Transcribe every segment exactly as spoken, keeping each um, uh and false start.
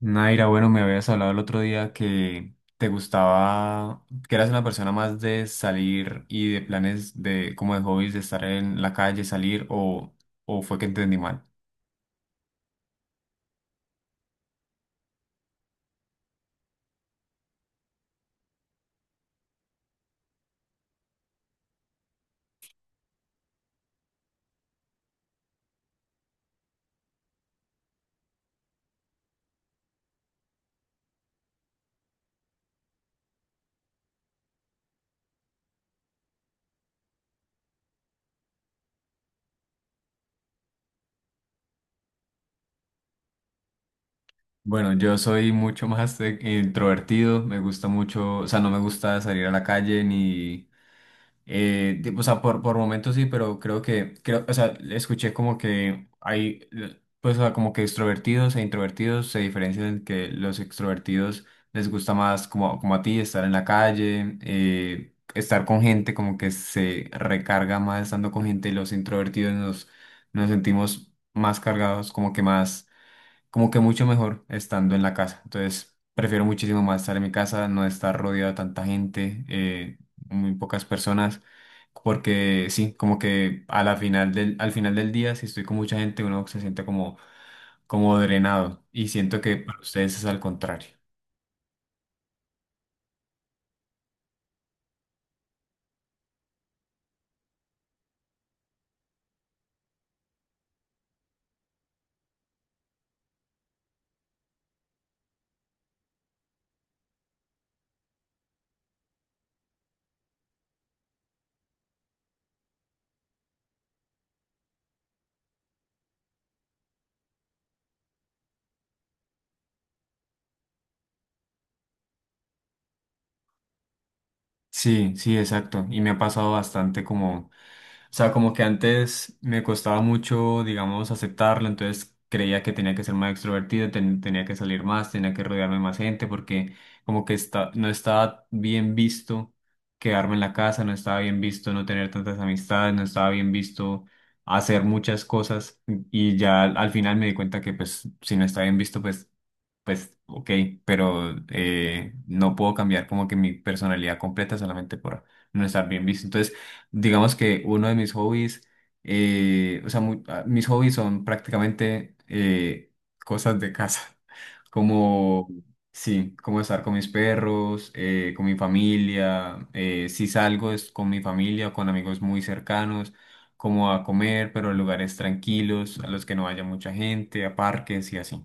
Naira, bueno, me habías hablado el otro día que te gustaba, que eras una persona más de salir y de planes de, como de hobbies, de estar en la calle, salir, o, o fue que entendí mal. Bueno, yo soy mucho más de- introvertido, me gusta mucho, o sea, no me gusta salir a la calle ni Eh, de- o sea, por, por momentos sí, pero creo que, creo, o sea, escuché como que hay, eh, pues, o sea, como que extrovertidos e introvertidos se diferencian en que los extrovertidos les gusta más, como, como a ti, estar en la calle, eh, estar con gente, como que se recarga más estando con gente, y los introvertidos nos, nos sentimos más cargados, como que más, como que mucho mejor estando en la casa. Entonces, prefiero muchísimo más estar en mi casa, no estar rodeado de tanta gente, eh, muy pocas personas, porque sí, como que a la final del, al final del día, si estoy con mucha gente, uno se siente como, como drenado, y siento que para ustedes es al contrario. Sí, sí, exacto. Y me ha pasado bastante como... O sea, como que antes me costaba mucho, digamos, aceptarlo, entonces creía que tenía que ser más extrovertido, ten- tenía que salir más, tenía que rodearme de más gente, porque como que está, no estaba bien visto quedarme en la casa, no estaba bien visto no tener tantas amistades, no estaba bien visto hacer muchas cosas, y ya al, al final me di cuenta que pues si no está bien visto, pues, pues ok, pero eh, no puedo cambiar como que mi personalidad completa solamente por no estar bien visto. Entonces, digamos que uno de mis hobbies, eh, o sea, mu- ah, mis hobbies son prácticamente eh, cosas de casa, como, sí, como estar con mis perros, eh, con mi familia, eh, si salgo es con mi familia o con amigos muy cercanos, como a comer, pero en lugares tranquilos, a los que no haya mucha gente, a parques y así.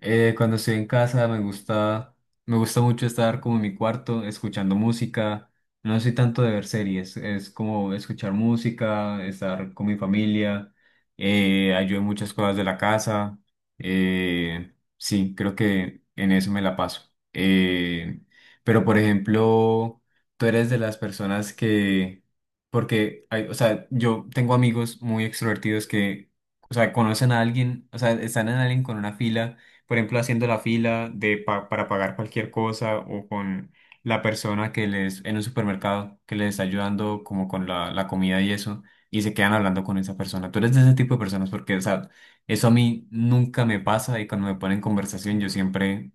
Eh, cuando estoy en casa me gusta, me gusta mucho estar como en mi cuarto escuchando música. No soy tanto de ver series, es como escuchar música, estar con mi familia, eh, ayudo en muchas cosas de la casa. Eh, sí, creo que en eso me la paso. Eh, pero por ejemplo, tú eres de las personas que, porque, hay, o sea, yo tengo amigos muy extrovertidos que, o sea, conocen a alguien, o sea, están en alguien con una fila por ejemplo, haciendo la fila de pa- para pagar cualquier cosa, o con la persona que les, en un supermercado, que les está ayudando como con la, la comida y eso, y se quedan hablando con esa persona. Tú eres de ese tipo de personas porque, o sea, eso a mí nunca me pasa, y cuando me ponen en conversación yo siempre,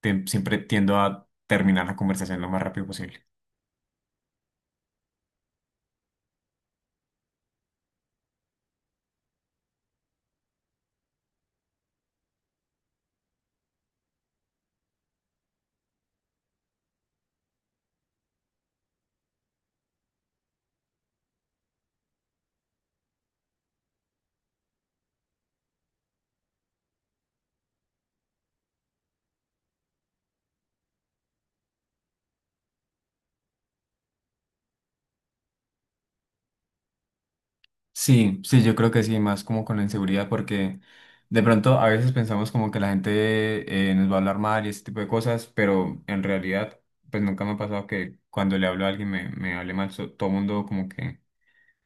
te- siempre tiendo a terminar la conversación lo más rápido posible. Sí, sí, yo creo que sí, más como con la inseguridad, porque de pronto a veces pensamos como que la gente, eh, nos va a hablar mal y ese tipo de cosas, pero en realidad, pues nunca me ha pasado que cuando le hablo a alguien me, me hable mal, so- todo el mundo como que,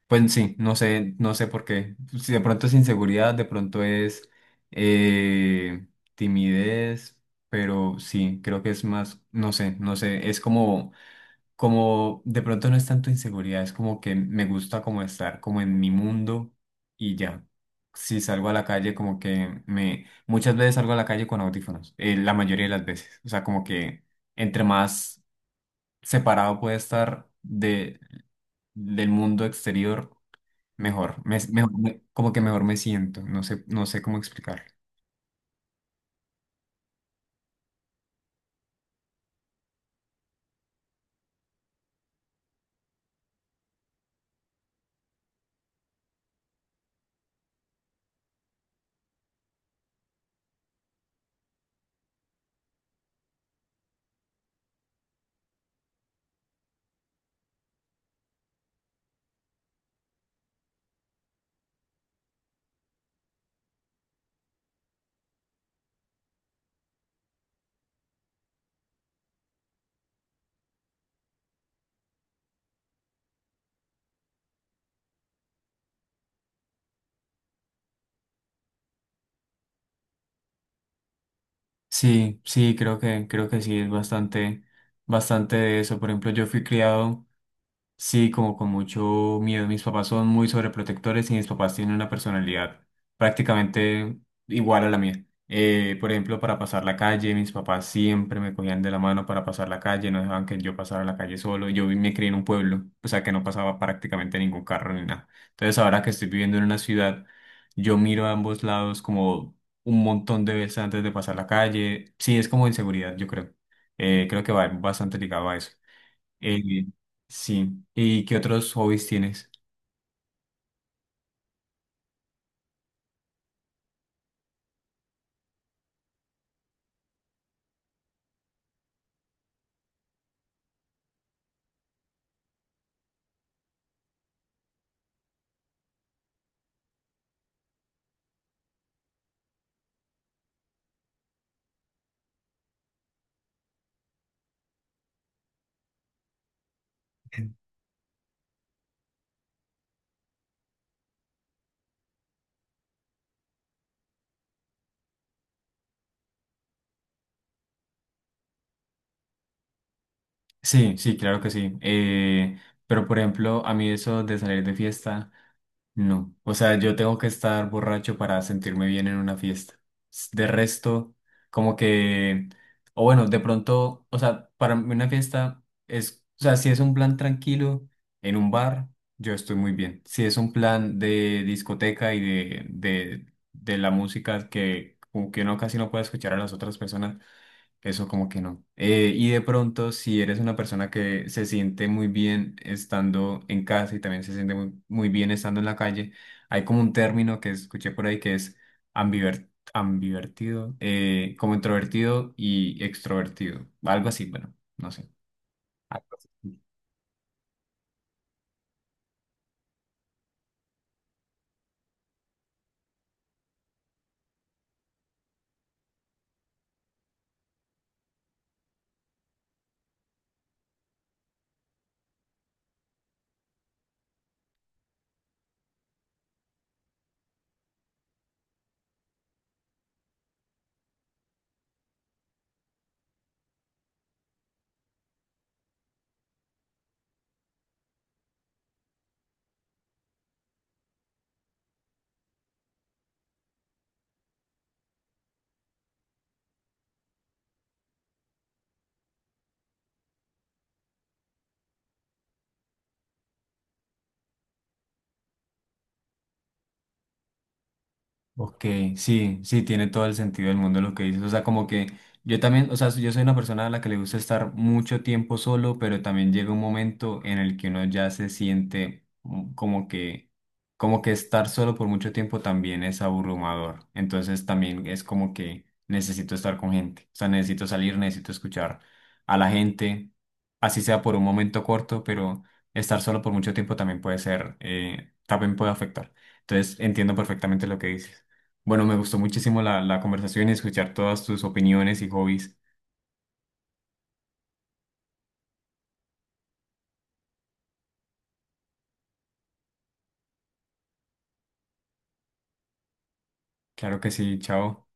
pues sí, no sé, no sé por qué. Si de pronto es inseguridad, de pronto es eh, timidez, pero sí, creo que es más, no sé, no sé, es como, como de pronto no es tanto inseguridad, es como que me gusta como estar como en mi mundo y ya. Si salgo a la calle, como que me... Muchas veces salgo a la calle con audífonos, eh, la mayoría de las veces. O sea, como que entre más separado puede estar de, del mundo exterior, mejor. Me- mejor me- como que mejor me siento, no sé, no sé cómo explicarlo. Sí, sí, creo que, creo que sí, es bastante, bastante de eso. Por ejemplo, yo fui criado... Sí, como con mucho miedo. Mis papás son muy sobreprotectores y mis papás tienen una personalidad prácticamente igual a la mía. Eh, por ejemplo, para pasar la calle, mis papás siempre me cogían de la mano para pasar la calle, no dejaban que yo pasara la calle solo. Yo vi- me crié en un pueblo, o sea que no pasaba prácticamente ningún carro ni nada. Entonces, ahora que estoy viviendo en una ciudad, yo miro a ambos lados como un montón de veces antes de pasar la calle. Sí, es como inseguridad, yo creo. Eh, creo que va bastante ligado a eso. Eh, sí, ¿y qué otros hobbies tienes? Sí, sí, claro que sí. Eh, pero por ejemplo, a mí eso de salir de fiesta, no. O sea, yo tengo que estar borracho para sentirme bien en una fiesta. S- De resto, como que, o bueno, de pronto, o sea, para mí una fiesta es, o sea, si es un plan tranquilo en un bar, yo estoy muy bien. Si es un plan de discoteca y de, de, de la música que, como que uno casi no puede escuchar a las otras personas. Eso como que no. Eh, y de pronto, si eres una persona que se siente muy bien estando en casa y también se siente muy, muy bien estando en la calle, hay como un término que escuché por ahí que es ambiver- ambivertido, eh, como introvertido y extrovertido, algo así, bueno, no sé. Algo así. Ok, sí, sí, tiene todo el sentido del mundo lo que dices. O sea, como que yo también, o sea, yo soy una persona a la que le gusta estar mucho tiempo solo, pero también llega un momento en el que uno ya se siente mm, como que, como que estar solo por mucho tiempo también es abrumador. Entonces también es como que necesito estar con gente. O sea, necesito salir, necesito escuchar a la gente, así sea por un momento corto, pero estar solo por mucho tiempo también puede ser, eh, también puede afectar. Entonces entiendo perfectamente lo que dices. Bueno, me gustó muchísimo la, la conversación y escuchar todas tus opiniones y hobbies. Claro que sí, chao.